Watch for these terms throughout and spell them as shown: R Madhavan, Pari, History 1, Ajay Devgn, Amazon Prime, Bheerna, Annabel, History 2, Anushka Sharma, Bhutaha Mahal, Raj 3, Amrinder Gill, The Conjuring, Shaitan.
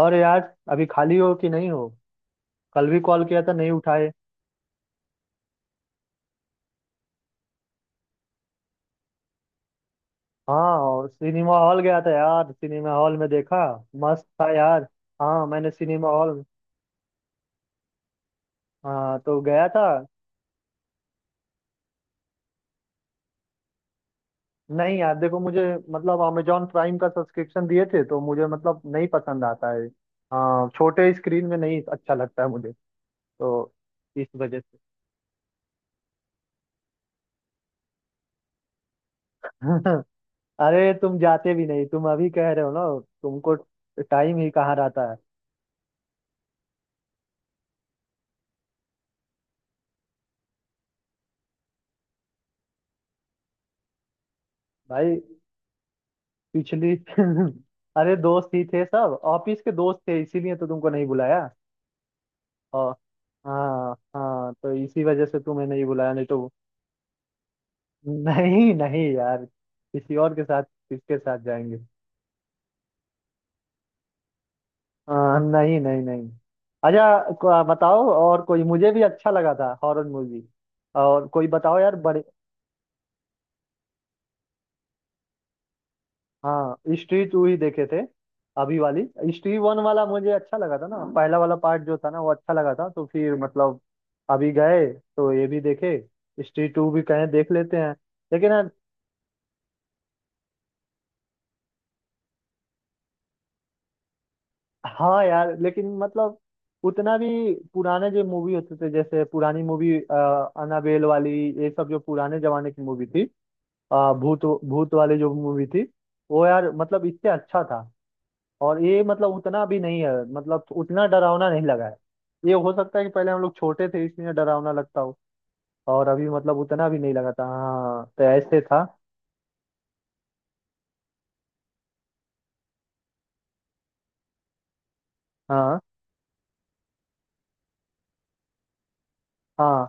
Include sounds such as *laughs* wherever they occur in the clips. और यार, अभी खाली हो कि नहीं हो। कल भी कॉल किया था, नहीं उठाए। हाँ, और सिनेमा हॉल गया था यार, सिनेमा हॉल में देखा। मस्त था यार। हाँ, मैंने सिनेमा हॉल हाँ तो गया था। नहीं यार, देखो मुझे मतलब अमेजोन प्राइम का सब्सक्रिप्शन दिए थे तो मुझे मतलब नहीं पसंद आता है। हाँ, छोटे स्क्रीन में नहीं अच्छा लगता है मुझे। तो इस वजह से। *laughs* अरे तुम जाते भी नहीं, तुम अभी कह रहे हो ना तुमको टाइम ही कहाँ रहता है। भाई पिछली *laughs* अरे दोस्त ही थे, सब ऑफिस के दोस्त थे, इसीलिए तो तुमको नहीं बुलाया। और हाँ हाँ, तो इसी वजह से तुम्हें नहीं बुलाया, नहीं तो। *laughs* नहीं नहीं यार, किसी और के साथ किसके साथ जाएंगे। हाँ, नहीं नहीं नहीं। अच्छा, बताओ और कोई, मुझे भी अच्छा लगा था हॉरर मूवी। और कोई बताओ यार बड़े। हाँ, हिस्ट्री 2 ही देखे थे। अभी वाली हिस्ट्री 1 वाला मुझे अच्छा लगा था ना, पहला वाला पार्ट जो था ना वो अच्छा लगा था, तो फिर मतलब अभी गए तो ये भी देखे, हिस्ट्री 2 भी कहें देख लेते हैं। लेकिन हाँ यार, लेकिन मतलब उतना भी पुराने जो मूवी होते थे, जैसे पुरानी मूवी अनाबेल वाली, ये सब जो पुराने जमाने की मूवी थी, भूत भूत वाली जो मूवी थी, वो यार मतलब इससे अच्छा था। और ये मतलब उतना भी नहीं है, मतलब उतना डरावना नहीं लगा है। ये हो सकता है कि पहले हम लोग छोटे थे इसलिए डरावना लगता हो। और अभी मतलब उतना भी नहीं लगा था, हाँ तो ऐसे था। हाँ हाँ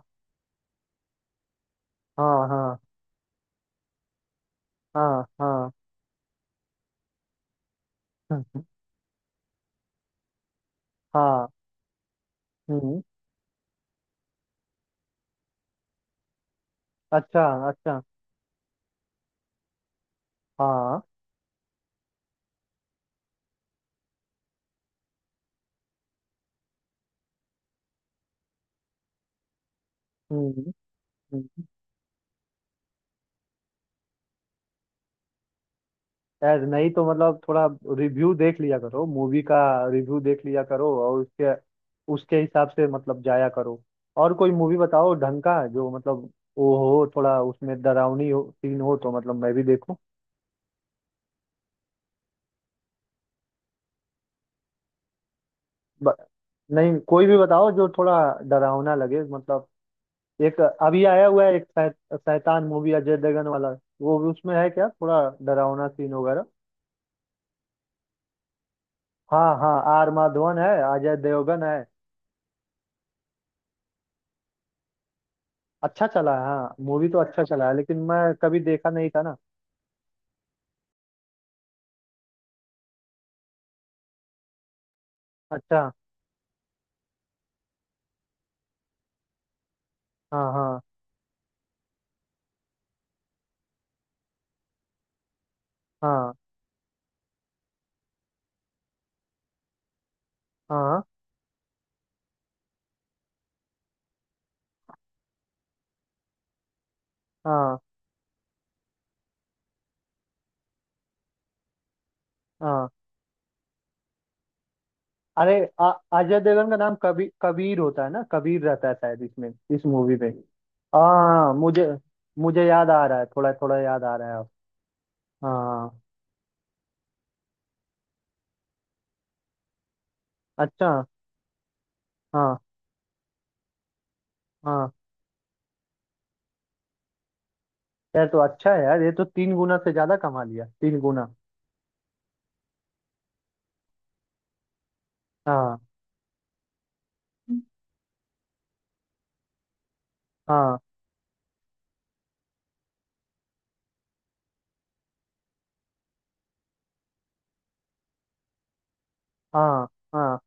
हाँ हाँ हाँ हाँ। *laughs* हाँ। हम्म। अच्छा अच्छा। हाँ। हम्म हम्म। यार नहीं तो मतलब थोड़ा रिव्यू देख लिया करो मूवी का, रिव्यू देख लिया करो और उसके उसके हिसाब से मतलब जाया करो। और कोई मूवी बताओ ढंग का, जो मतलब वो हो थोड़ा, उसमें डरावनी हो सीन हो, तो मतलब मैं भी देखूं। ब- नहीं, कोई भी बताओ जो थोड़ा डरावना लगे, मतलब एक अभी आया हुआ है, एक शैतान मूवी अजय देवगन वाला, वो भी उसमें है क्या थोड़ा डरावना सीन वगैरह। हाँ हाँ, आर माधवन है, अजय देवगन है। अच्छा चला है, हाँ मूवी तो अच्छा चला है, लेकिन मैं कभी देखा नहीं था ना। अच्छा। हाँ हाँ हाँ हाँ हाँ हाँ, अरे आ- अजय देवगन का नाम कबीर कबीर होता है ना, कबीर रहता है शायद इसमें, इस मूवी में। हाँ मुझे मुझे याद आ रहा है, थोड़ा थोड़ा याद आ रहा है अब। हाँ, अच्छा हाँ हाँ। यार तो अच्छा है यार, ये तो तीन गुना से ज्यादा कमा लिया, तीन गुना। हाँ हाँ हाँ हाँ।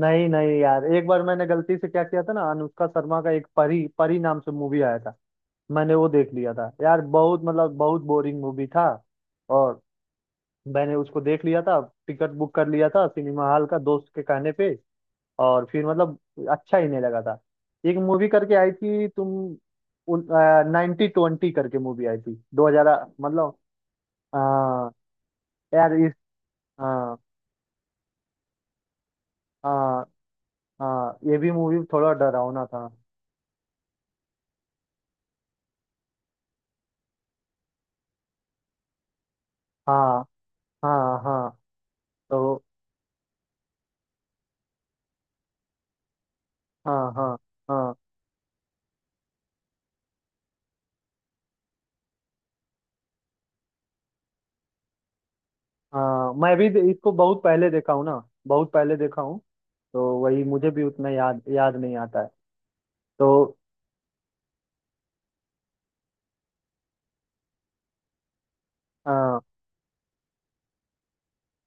नहीं नहीं यार, एक बार मैंने गलती से क्या किया था ना, अनुष्का शर्मा का एक परी परी नाम से मूवी आया था। मैंने वो देख लिया था यार, बहुत मतलब बहुत बोरिंग मूवी था। और मैंने उसको देख लिया था, टिकट बुक कर लिया था सिनेमा हॉल का दोस्त के कहने पे, और फिर मतलब अच्छा ही नहीं लगा था। एक मूवी करके आई थी तुम उन, 1920 करके मूवी आई थी, 2000 मतलब। आ, यार इस। हाँ हाँ हाँ, ये भी मूवी थोड़ा डरावना था। हाँ हाँ हाँ तो। हाँ हाँ हाँ हाँ, मैं भी इसको बहुत पहले देखा हूँ ना, बहुत पहले देखा हूँ। तो वही मुझे भी उतना याद याद नहीं आता है। तो हाँ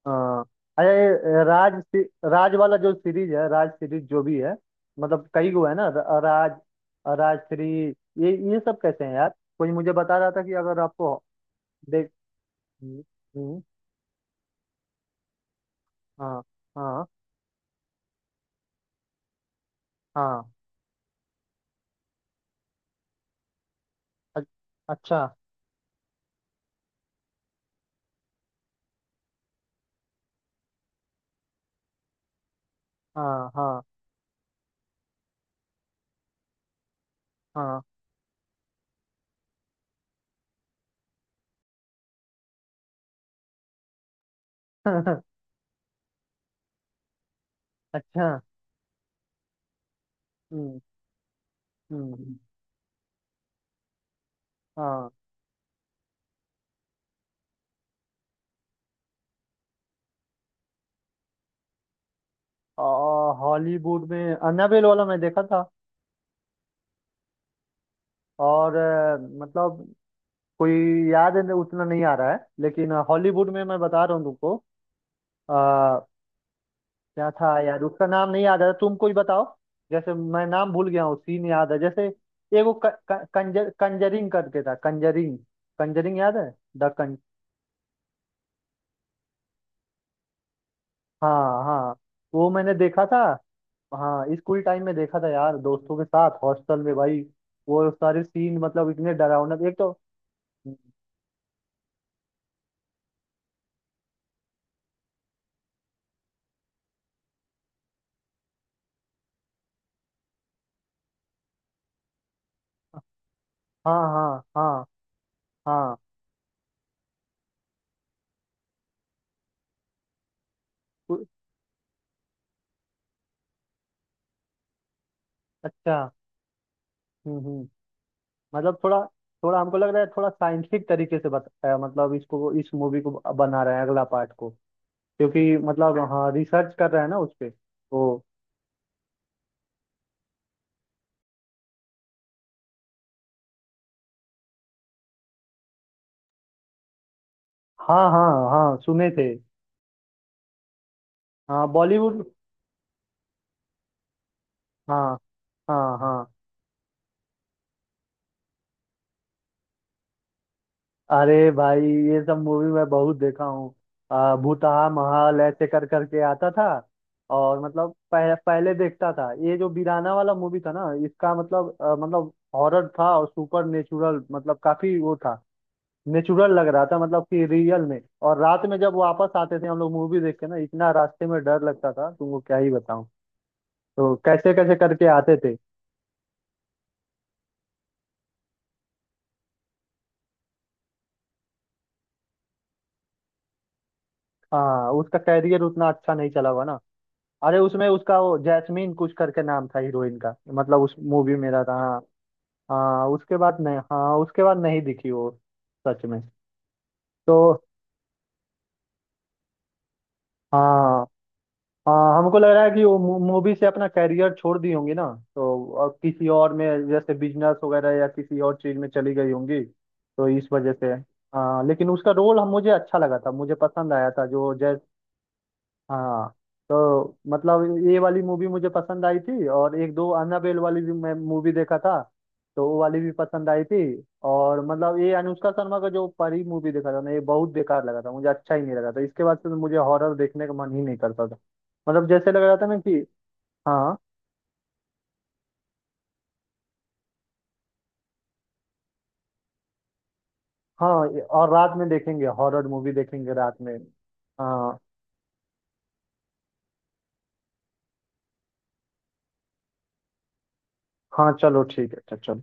हाँ, अरे राज वाला जो सीरीज है, राज सीरीज जो भी है, मतलब कई गो है ना, राज, राज 3, ये सब कैसे हैं यार। कोई मुझे बता रहा था कि अगर आपको देख। हम्म, हम्म, हाँ हाँ हाँ। अ- अच्छा, हाँ हाँ हाँ। *laughs* अच्छा। हम्म हम्म। हाँ, और हॉलीवुड में अन्नाबेल वाला मैं देखा था, और मतलब कोई याद है उतना नहीं आ रहा है, लेकिन हॉलीवुड में मैं बता रहा हूँ तुमको। अ, क्या था यार, उसका नाम नहीं याद आ रहा, तुम कोई बताओ। जैसे मैं नाम भूल गया हूँ, सीन याद है, जैसे एगो क, क, कंजर, कंजरिंग करके था, कंजरिंग, कंजरिंग याद है, द कं हाँ हाँ, वो मैंने देखा था। हाँ, स्कूल टाइम में देखा था यार, दोस्तों के साथ हॉस्टल में भाई, वो सारे सीन मतलब इतने डरावना एक तो। हाँ हाँ हाँ हाँ। उ- अच्छा, हम्म। मतलब थोड़ा थोड़ा हमको लग रहा है, थोड़ा साइंटिफिक तरीके से बताया, मतलब इसको इस मूवी को बना रहे हैं अगला पार्ट को, क्योंकि मतलब हाँ रिसर्च कर रहे हैं ना उस पे तो। हाँ हाँ हाँ सुने थे। हाँ, बॉलीवुड। हाँ हाँ हाँ, अरे भाई ये सब मूवी मैं बहुत देखा हूँ, भूतहा महाल ऐसे कर करके आता था। और मतलब पहले देखता था, ये जो बीराना वाला मूवी था ना, इसका मतलब मतलब हॉरर था और सुपर नेचुरल, मतलब काफी वो था। नेचुरल लग रहा था, मतलब कि रियल में। और रात में जब वापस आते थे हम लोग मूवी देख के ना, इतना रास्ते में डर लगता था, तुमको क्या ही बताऊं। तो कैसे कैसे करके आते थे। हाँ उसका कैरियर उतना अच्छा नहीं चला हुआ ना। अरे उसमें उसका वो जैस्मीन कुछ करके नाम था हीरोइन का, मतलब उस मूवी में रहा था हाँ। हाँ उसके बाद नहीं, हाँ उसके बाद नहीं दिखी वो। सच में। तो हाँ हाँ, हमको लग रहा है कि वो मूवी से अपना कैरियर छोड़ दी होंगी ना। तो अब किसी और में जैसे बिजनेस वगैरह या किसी और चीज में चली गई होंगी। तो इस वजह से। हाँ, लेकिन उसका रोल हम मुझे अच्छा लगा था, मुझे पसंद आया था जो जय। हाँ तो मतलब ये वाली मूवी मुझे पसंद आई थी, और एक दो अन्नाबेल वाली भी मैं मूवी देखा था। तो वो वाली भी पसंद आई थी। और मतलब ये अनुष्का शर्मा का जो परी मूवी देखा था ना, ये बहुत बेकार लगा था, मुझे अच्छा ही नहीं लगा था, इसके बाद से तो मुझे हॉरर देखने का मन ही नहीं करता था। मतलब जैसे लग रहा था ना कि। हाँ हाँ, और रात में देखेंगे, हॉरर मूवी देखेंगे रात में। हाँ हाँ चलो ठीक है, अच्छा चलो।